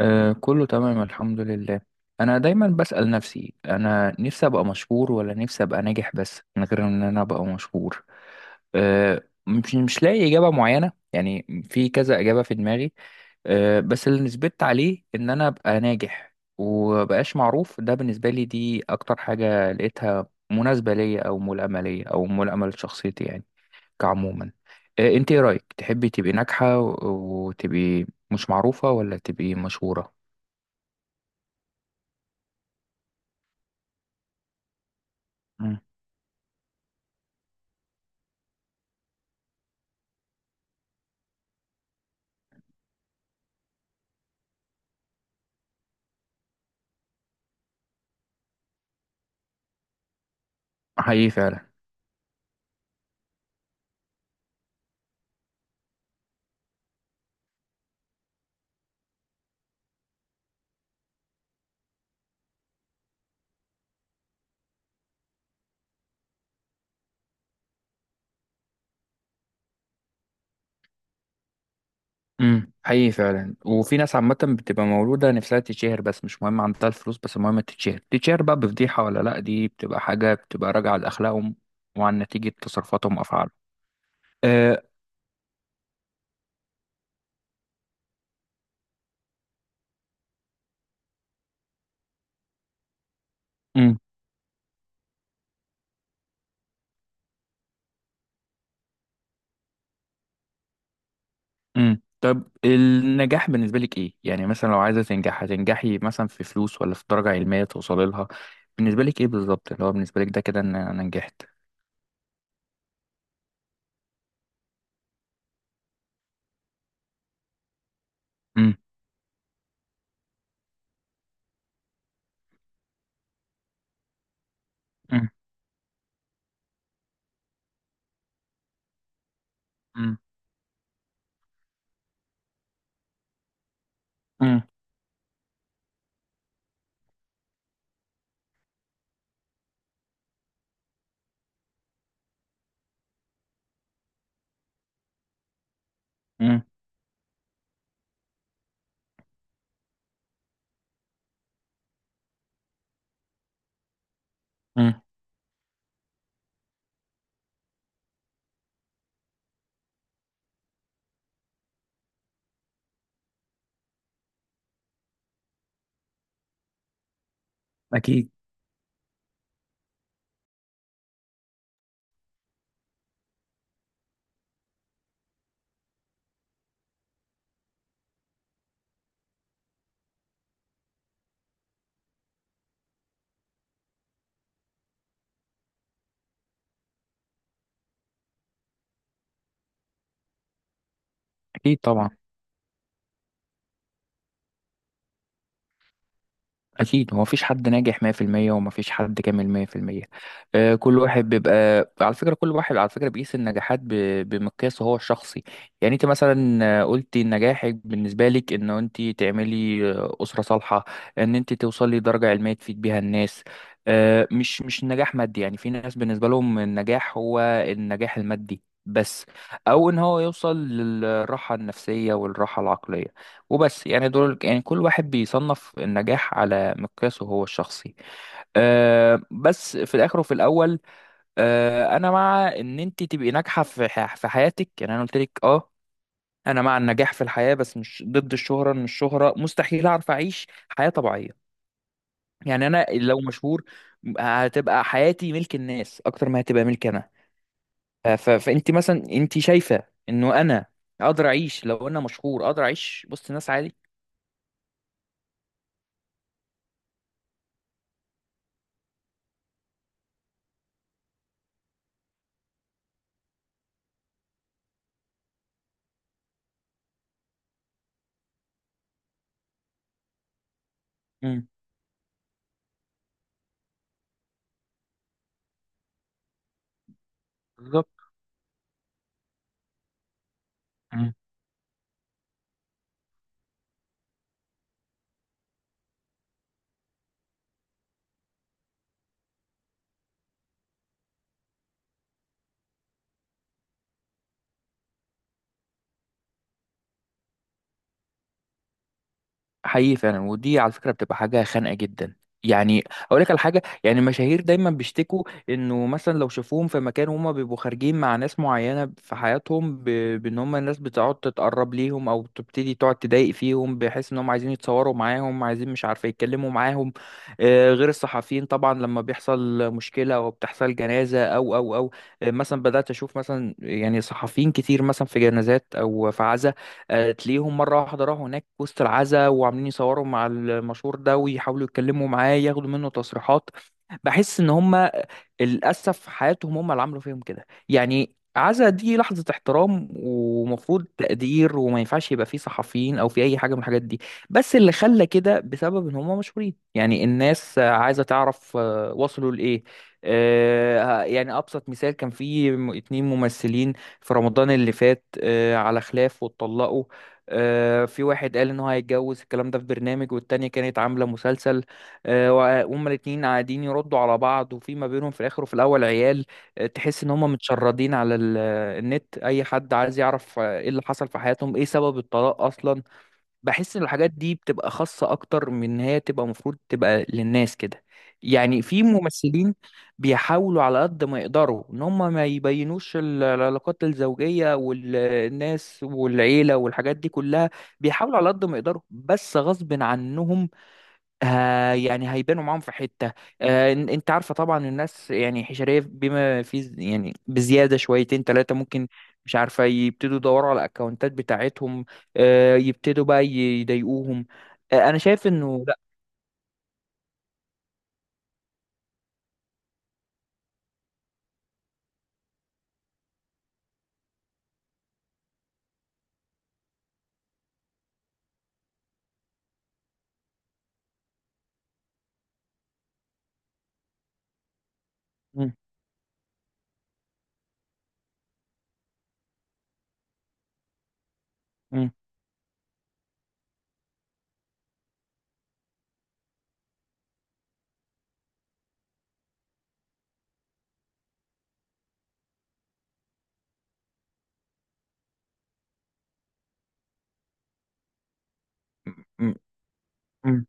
آه كله تمام الحمد لله. انا دايما بسأل نفسي، انا نفسي ابقى مشهور ولا نفسي ابقى ناجح، بس من غير ان انا ابقى مشهور. مش لاقي اجابة معينة، يعني في كذا اجابة في دماغي. بس اللي نثبت عليه ان انا ابقى ناجح ومبقاش معروف، ده بالنسبة لي دي اكتر حاجة لقيتها مناسبة ليا او ملائمة ليا او ملائمة لشخصيتي، يعني كعموما. انت ايه رأيك، تحبي تبقي ناجحة وتبقي مش معروفة ولا تبقي مشهورة؟ مم. حقيقي فعلا. حقيقي فعلا، وفي ناس عامة بتبقى مولودة نفسها تتشهر، بس مش مهم عندها الفلوس، بس المهم تتشهر تتشهر بقى بفضيحة ولا لأ، دي بتبقى حاجة بتبقى راجعة لأخلاقهم وعن نتيجة تصرفاتهم وأفعالهم. أه. امم. طب النجاح بالنسبة لك إيه؟ يعني مثلا لو عايزة تنجح هتنجحي مثلا في فلوس ولا في درجة علمية توصلي لها؟ بالنسبة لك إيه بالظبط، اللي هو بالنسبة لك ده كده إن أنا نجحت؟ امم. امم. امم. امم. امم. أكيد. أكيد طبعا. أكيد هو مفيش حد ناجح 100%، ومفيش حد كامل 100%. كل واحد بيبقى، على فكرة كل واحد على فكرة بيقيس النجاحات بمقياسه هو الشخصي. يعني أنت مثلا قلتي إن نجاحك بالنسبة لك إن أنت تعملي أسرة صالحة، إن أنت توصلي لدرجة علمية تفيد بيها الناس. مش النجاح مادي، يعني في ناس بالنسبة لهم النجاح هو النجاح المادي بس، أو إن هو يوصل للراحة النفسية والراحة العقلية وبس، يعني دول يعني كل واحد بيصنف النجاح على مقياسه هو الشخصي. بس في الاخر وفي الاول انا مع ان انت تبقي ناجحه في في حياتك، يعني انا قلت لك انا مع النجاح في الحياه، بس مش ضد الشهره، ان الشهره مستحيل اعرف اعيش حياه طبيعيه. يعني انا لو مشهور هتبقى حياتي ملك الناس اكتر ما هتبقى ملك انا. فانت مثلا انت شايفه انه انا اقدر اعيش، لو انا مشهور اقدر اعيش وسط ناس عادي؟ مم. بالظبط. حقيقي فعلا، ودي على فكره بتبقى حاجه خانقه جدا، يعني اقول لك على حاجه، يعني المشاهير دايما بيشتكوا انه مثلا لو شافوهم في مكان هما بيبقوا خارجين مع ناس معينه في حياتهم بان هما الناس بتقعد تتقرب ليهم او تبتدي تقعد تضايق فيهم، بحيث ان هم عايزين يتصوروا معاهم، عايزين مش عارفه يتكلموا معاهم. غير الصحفيين طبعا لما بيحصل مشكله او بتحصل جنازه او او او آه، مثلا بدات اشوف مثلا، يعني صحفيين كتير مثلا في جنازات او في عزايم. تلاقيهم مرة واحدة راحوا هناك وسط العزا وعاملين يصوروا مع المشهور ده ويحاولوا يتكلموا معاه ياخدوا منه تصريحات. بحس ان هم للأسف حياتهم هم اللي عملوا فيهم كده، يعني عزا دي لحظة احترام ومفروض تقدير وما ينفعش يبقى فيه صحفيين أو في أي حاجة من الحاجات دي. بس اللي خلى كده بسبب إن هم مشهورين، يعني الناس عايزة تعرف وصلوا لإيه. يعني أبسط مثال، كان في اتنين ممثلين في رمضان اللي فات على خلاف واتطلقوا. في واحد قال إن هو هيتجوز الكلام ده في برنامج، والتانية كانت عاملة مسلسل. وهما الاتنين قاعدين يردوا على بعض وفي ما بينهم في الاخر وفي الاول عيال. تحس ان هما متشردين على النت، اي حد عايز يعرف ايه اللي حصل في حياتهم، ايه سبب الطلاق اصلا. بحس ان الحاجات دي بتبقى خاصة اكتر من إن هي تبقى، المفروض تبقى للناس كده. يعني في ممثلين بيحاولوا على قد ما يقدروا ان هم ما يبينوش العلاقات الزوجية والناس والعيلة والحاجات دي كلها. بيحاولوا على قد ما يقدروا، بس غصب عنهم ها يعني هيبانوا معاهم في حتة. انت عارفة طبعا، الناس يعني حشرية بما في يعني بزيادة، شويتين ثلاثة ممكن مش عارفة، يبتدوا يدوروا على الاكونتات بتاعتهم. يبتدوا بقى يضايقوهم. انا شايف انه لا. م- م- م- م-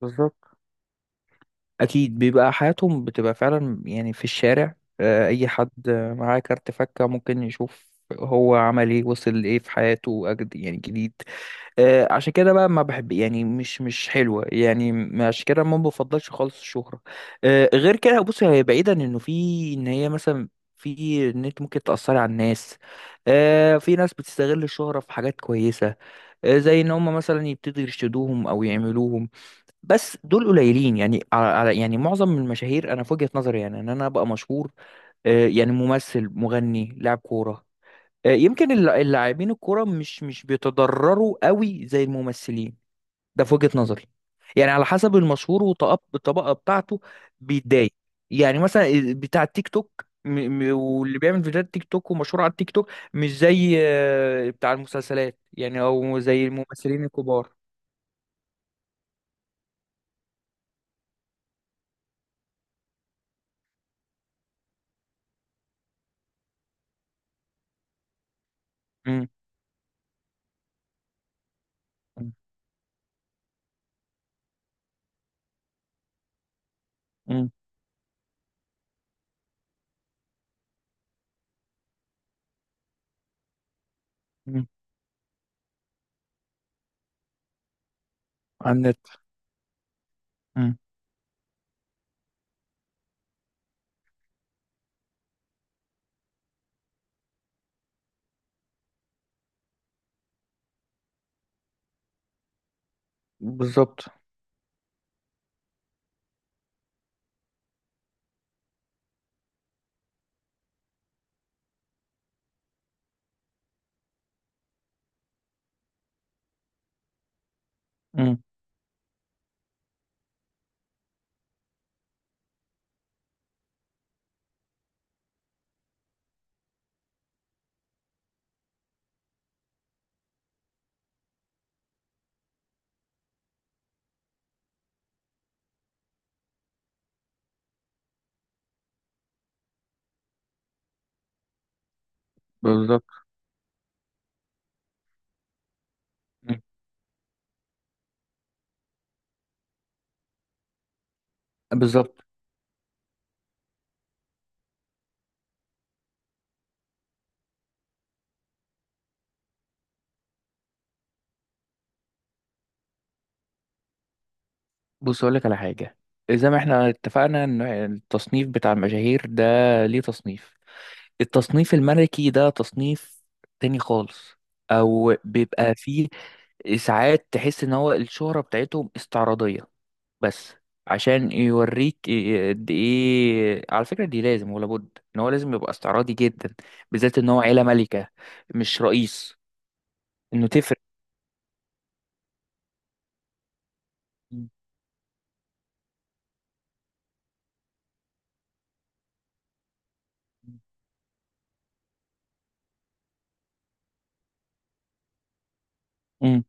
بالظبط. اكيد بيبقى حياتهم بتبقى فعلا، يعني في الشارع اي حد معاه كارت فكة ممكن يشوف هو عمل ايه وصل لايه في حياته، أجد يعني جديد. عشان كده بقى ما بحب، يعني مش حلوه، يعني عشان كده ما بفضلش خالص الشهره. غير كده بص، هي بعيدا انه في ان هي مثلا في ان انت ممكن تاثري على الناس. في ناس بتستغل الشهره في حاجات كويسه. زي ان هم مثلا يبتدوا يرشدوهم او يعملوهم. بس دول قليلين، يعني يعني معظم المشاهير انا في وجهه نظري، يعني ان انا ابقى مشهور. يعني ممثل مغني لاعب كوره. يمكن اللاعبين الكوره مش بيتضرروا قوي زي الممثلين، ده في وجهة نظري. يعني على حسب المشهور والطبقة بتاعته بيتضايق. يعني مثلا بتاع التيك توك واللي بيعمل فيديوهات تيك توك ومشهور على التيك توك مش زي بتاع المسلسلات، يعني او زي الممثلين الكبار. مم. مم. مم. مم. على النت. مم. بالظبط. مم. بالظبط. مم. بالظبط. بص اقول لك على حاجه، زي ما احنا اتفقنا ان التصنيف بتاع المشاهير ده ليه تصنيف، التصنيف الملكي ده تصنيف تاني خالص، او بيبقى فيه ساعات تحس ان هو الشهرة بتاعتهم استعراضية بس. عشان يوريك قد ايه على فكرة دي لازم ولا بد ان هو لازم يبقى استعراضي جدا، بالذات ان هو عيلة ملكة مش رئيس. انه تفرق. مم.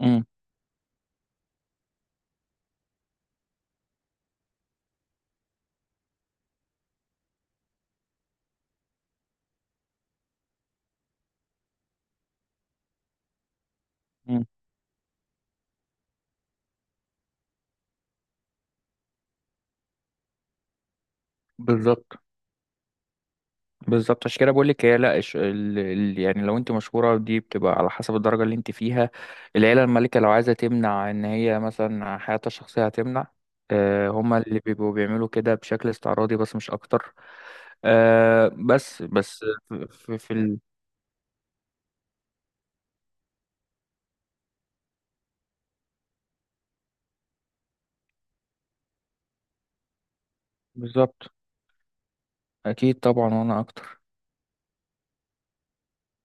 مم. مم. بالظبط. بالظبط عشان كده بقول لك، هي لا يعني لو انت مشهوره دي بتبقى على حسب الدرجه اللي انت فيها، العيله المالكه لو عايزه تمنع ان هي مثلا حياتها الشخصيه هتمنع. هما اللي بيبقوا بيعملوا كده بشكل استعراضي بس مش اكتر. بس في. بالظبط، اكيد طبعا وانا اكتر.